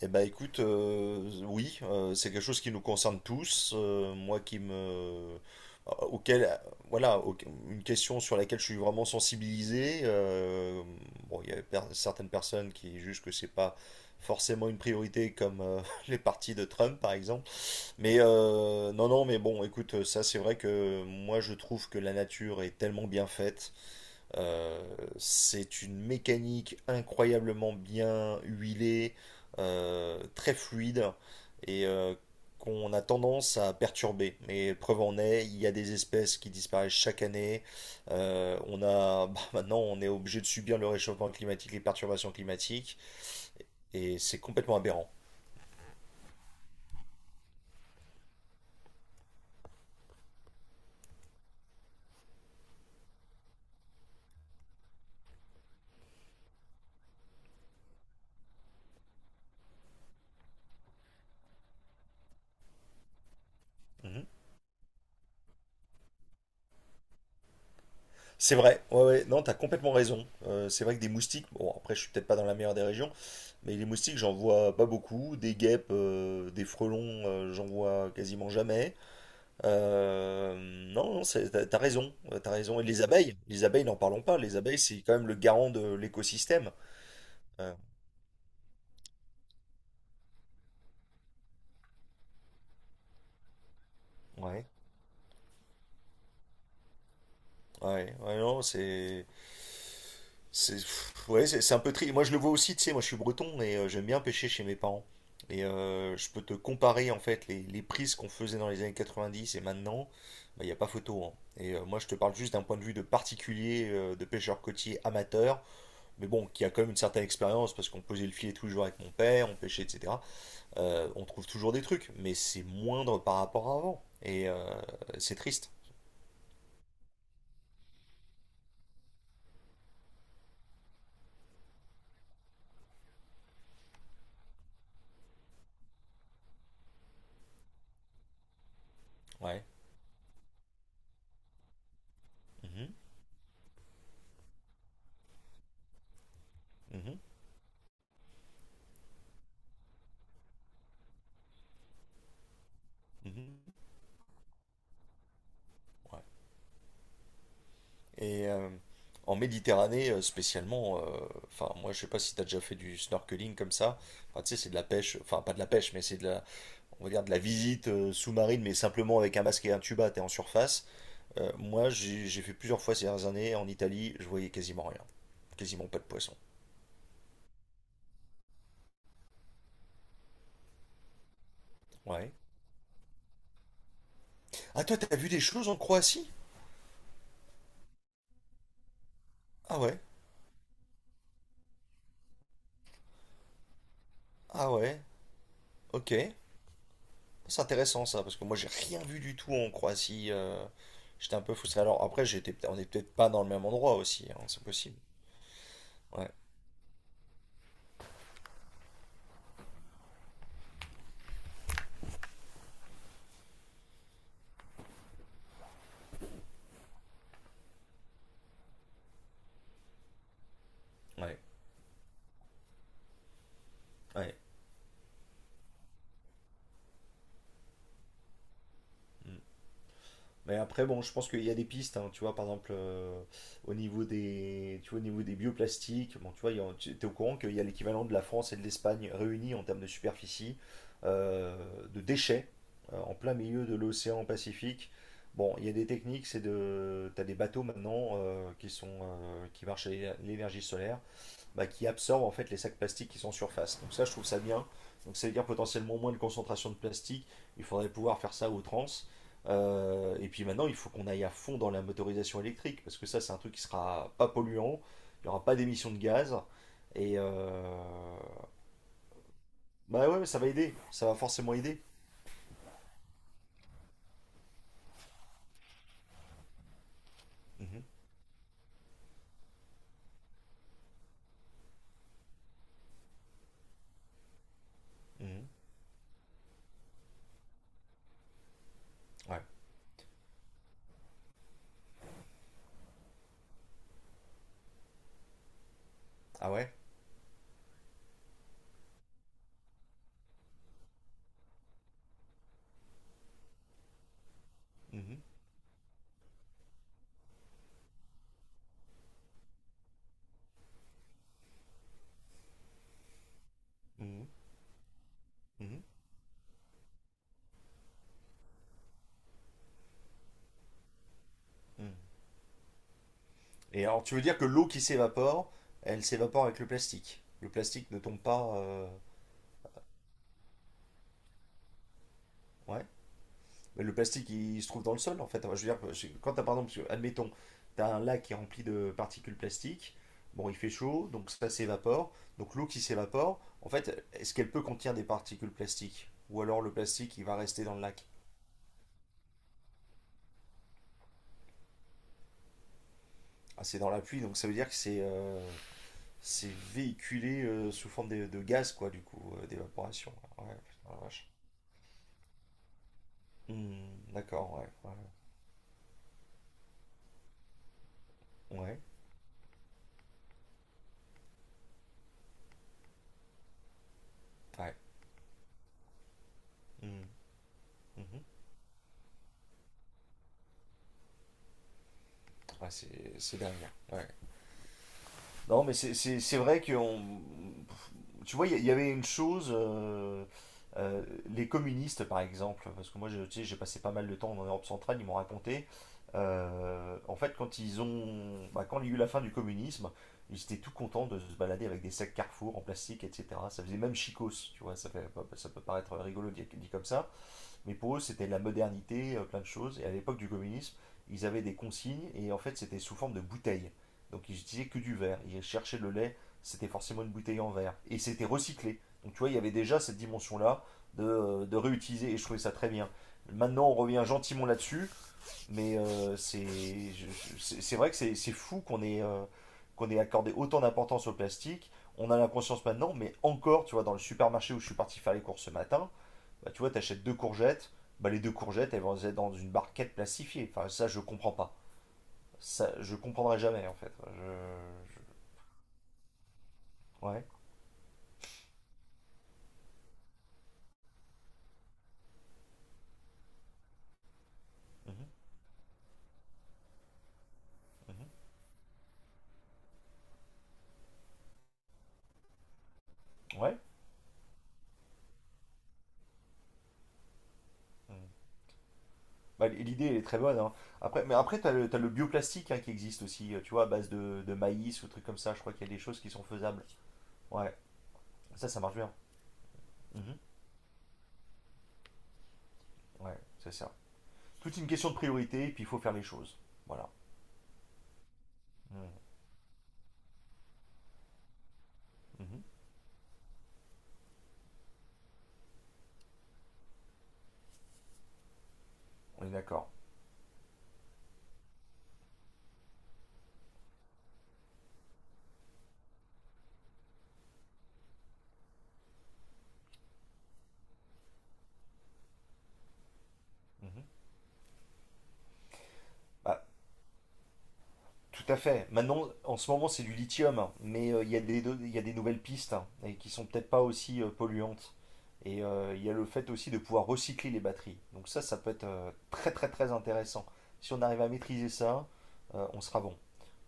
C'est quelque chose qui nous concerne tous. Moi qui me, auquel, voilà, au- Une question sur laquelle je suis vraiment sensibilisé. Bon, il y a certaines personnes qui jugent que c'est pas forcément une priorité comme les partis de Trump par exemple. Mais non, non, mais bon, écoute, ça c'est vrai que moi je trouve que la nature est tellement bien faite euh, c'est une mécanique incroyablement bien huilée, très fluide et qu'on a tendance à perturber. Mais preuve en est, il y a des espèces qui disparaissent chaque année. On a, bah, maintenant, on est obligé de subir le réchauffement climatique, les perturbations climatiques, et c'est complètement aberrant. Mhm. C'est vrai, ouais, ouais, non, t'as complètement raison. C'est vrai que des moustiques, bon, après, je suis peut-être pas dans la meilleure des régions. Mais les moustiques, j'en vois pas beaucoup. Des guêpes, des frelons, j'en vois quasiment jamais. Euh, non, non, t'as raison, t'as raison. Et les abeilles, n'en parlons pas. Les abeilles, c'est quand même le garant de l'écosystème. Euh, ouais. Ouais, ouais, non, c'est. C'est pff, ouais, c'est un peu triste. Moi, je le vois aussi, tu sais, moi je suis breton et j'aime bien pêcher chez mes parents. Et je peux te comparer en fait les prises qu'on faisait dans les années 90 et maintenant, bah, il n'y a pas photo, hein. Et moi, je te parle juste d'un point de vue de particulier, de pêcheur côtier amateur, mais bon, qui a quand même une certaine expérience parce qu'on posait le filet tous les jours avec mon père, on pêchait, etc. On trouve toujours des trucs, mais c'est moindre par rapport à avant. C'est triste. Ouais. Mhm. Mhm. Mhm. Ouais. Et euh, en Méditerranée, spécialement, enfin, moi, je sais pas si tu as déjà fait du snorkeling comme ça. Enfin, tu sais, c'est de la pêche, enfin, pas de la pêche, mais on va dire, de la visite sous-marine, mais simplement avec un masque et un tuba, t'es en surface. Moi, j'ai fait plusieurs fois ces dernières années en Italie, je voyais quasiment rien. Quasiment pas de poisson. Ouais. Ah, toi, t'as vu des choses en Croatie? Ah ouais. Ah ouais. Ok. C'est intéressant ça, parce que moi, j'ai rien vu du tout en Croatie. J'étais un peu frustré. Alors après, on est peut-être pas dans le même endroit aussi, hein, c'est possible. Ouais, ouais, ouais. Mm. Mais après, bon, je pense qu'il y a des pistes, hein, tu vois, par exemple, au niveau des, tu vois, au niveau des bioplastiques, bon, tu vois, tu es au courant qu'il y a l'équivalent de la France et de l'Espagne réunis en termes de superficie, euh, de déchets, en plein milieu de l'océan Pacifique. Bon, il y a des techniques, t'as des bateaux maintenant qui marchent à l'énergie solaire. Bah, qui absorbent en fait les sacs plastiques qui sont surface. Donc ça, je trouve ça bien. Donc ça veut dire potentiellement moins de concentration de plastique. Il faudrait pouvoir faire ça à outrance. Et puis maintenant, il faut qu'on aille à fond dans la motorisation électrique, parce que ça, c'est un truc qui sera pas polluant, il n'y aura pas d'émissions de gaz. Et euh, bah ouais, mais ça va aider, ça va forcément aider. Mhm, mhm. Ouais. Ah ouais? Mhm, mhm, mhm, mhm. Et alors, tu veux dire que l'eau qui s'évapore, elle s'évapore avec le plastique. Le plastique ne tombe pas. Ouais. Mais le plastique, il se trouve dans le sol, en fait. Enfin, je veux dire, quand t'as, par exemple, admettons, t'as un lac qui est rempli de particules plastiques, bon, il fait chaud, donc ça s'évapore. Donc l'eau qui s'évapore, en fait, est-ce qu'elle peut contenir des particules plastiques? Ou alors le plastique, il va rester dans le lac? Ah, c'est dans la pluie, donc ça veut dire que c'est véhiculé sous forme de gaz, quoi, du coup, d'évaporation. Ouais, putain, la vache. Hmm, d'accord, ouais, ouais, ouais, ouais. Hmm, mhm. Ouais, c'est dingue, hein. Ouais. Non, mais c'est vrai que tu vois, il y avait une chose, euh, les communistes par exemple, parce que tu sais, j'ai passé pas mal de temps en Europe centrale, ils m'ont raconté, en fait quand ils ont, bah, quand il y a eu la fin du communisme, ils étaient tout contents de se balader avec des sacs Carrefour en plastique, etc. Ça faisait même chicos, tu vois, ça fait, ça peut paraître rigolo dit comme ça, mais pour eux, c'était la modernité, plein de choses. Et à l'époque du communisme, ils avaient des consignes et en fait, c'était sous forme de bouteilles. Donc ils n'utilisaient que du verre. Ils cherchaient le lait, c'était forcément une bouteille en verre. Et c'était recyclé. Donc tu vois, il y avait déjà cette dimension-là de réutiliser et je trouvais ça très bien. Maintenant, on revient gentiment là-dessus, mais c'est vrai que c'est fou qu'on ait accordé autant d'importance au plastique. On a la conscience maintenant, mais encore, tu vois, dans le supermarché où je suis parti faire les courses ce matin, bah, tu vois, t'achètes deux courgettes, bah, les deux courgettes, elles vont être dans une barquette plastifiée. Enfin, ça, je comprends pas. Ça, je comprendrai jamais, en fait. Ouais. Mhm, mhm. Ouais. Mhm. Bah, l'idée, elle est très bonne, hein. Après, t'as le bioplastique hein, qui existe aussi, tu vois, à base de maïs ou trucs comme ça. Je crois qu'il y a des choses qui sont faisables. Ouais, ça marche bien. Mhm. Ouais, c'est ça. Toute une question de priorité, et puis il faut faire les choses. Voilà. Mhm. Mhm. On est d'accord. Mhm. Bah, tout à fait. Maintenant, en ce moment, c'est du lithium, hein, mais il y a des nouvelles pistes hein, et qui sont peut-être pas aussi polluantes. Et il y a le fait aussi de pouvoir recycler les batteries. Donc ça peut être très très très intéressant. Si on arrive à maîtriser ça, on sera bon.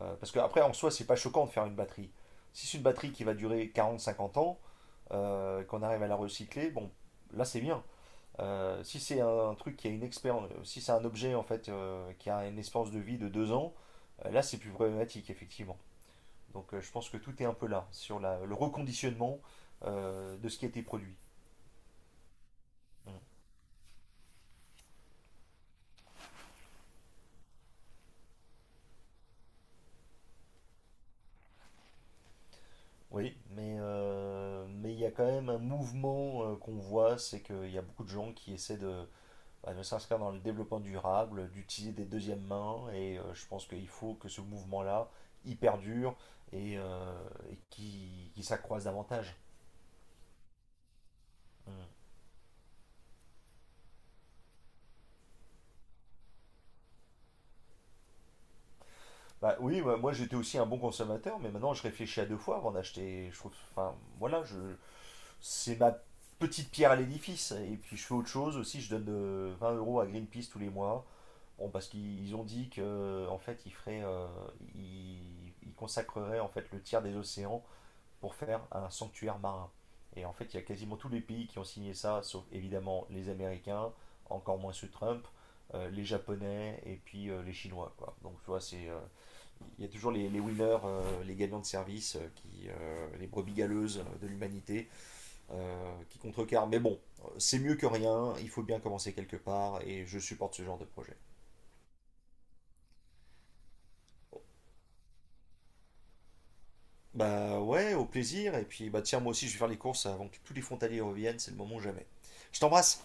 Parce que après, en soi, c'est pas choquant de faire une batterie. Si c'est une batterie qui va durer quarante, cinquante ans, qu'on arrive à la recycler, bon, là c'est bien. Si c'est un truc qui a une expérience, si c'est un objet en fait qui a une espérance de vie de deux ans, là c'est plus problématique effectivement. Donc je pense que tout est un peu là sur le reconditionnement de ce qui a été produit. Mm. Oui, mais il y a quand même un mouvement qu'on voit, c'est qu'il y a beaucoup de gens qui essaient bah, de s'inscrire dans le développement durable, d'utiliser des deuxièmes mains, et je pense qu'il faut que ce mouvement-là y perdure et qu'il s'accroisse davantage. Mm. Bah oui, moi, j'étais aussi un bon consommateur, mais maintenant je réfléchis à deux fois avant d'acheter. Je trouve, voilà, je, c'est ma petite pierre à l'édifice. Et puis je fais autre chose aussi, je donne 20 euros à Greenpeace tous les mois. Bon, parce qu'ils ils ont dit que en fait ils feraient, ils, ils consacreraient en fait le tiers des océans pour faire un sanctuaire marin. Et en fait, il y a quasiment tous les pays qui ont signé ça, sauf évidemment les Américains, encore moins ceux de Trump, les Japonais et puis les Chinois, quoi. Donc tu vois, c'est il y a toujours les winners, les gagnants de service, les brebis galeuses de l'humanité qui contrecarrent. Mais bon, c'est mieux que rien, il faut bien commencer quelque part et je supporte ce genre de projet. Bah ouais, au plaisir. Et puis bah tiens, moi aussi je vais faire les courses avant que tous les frontaliers reviennent, c'est le moment jamais. Je t'embrasse!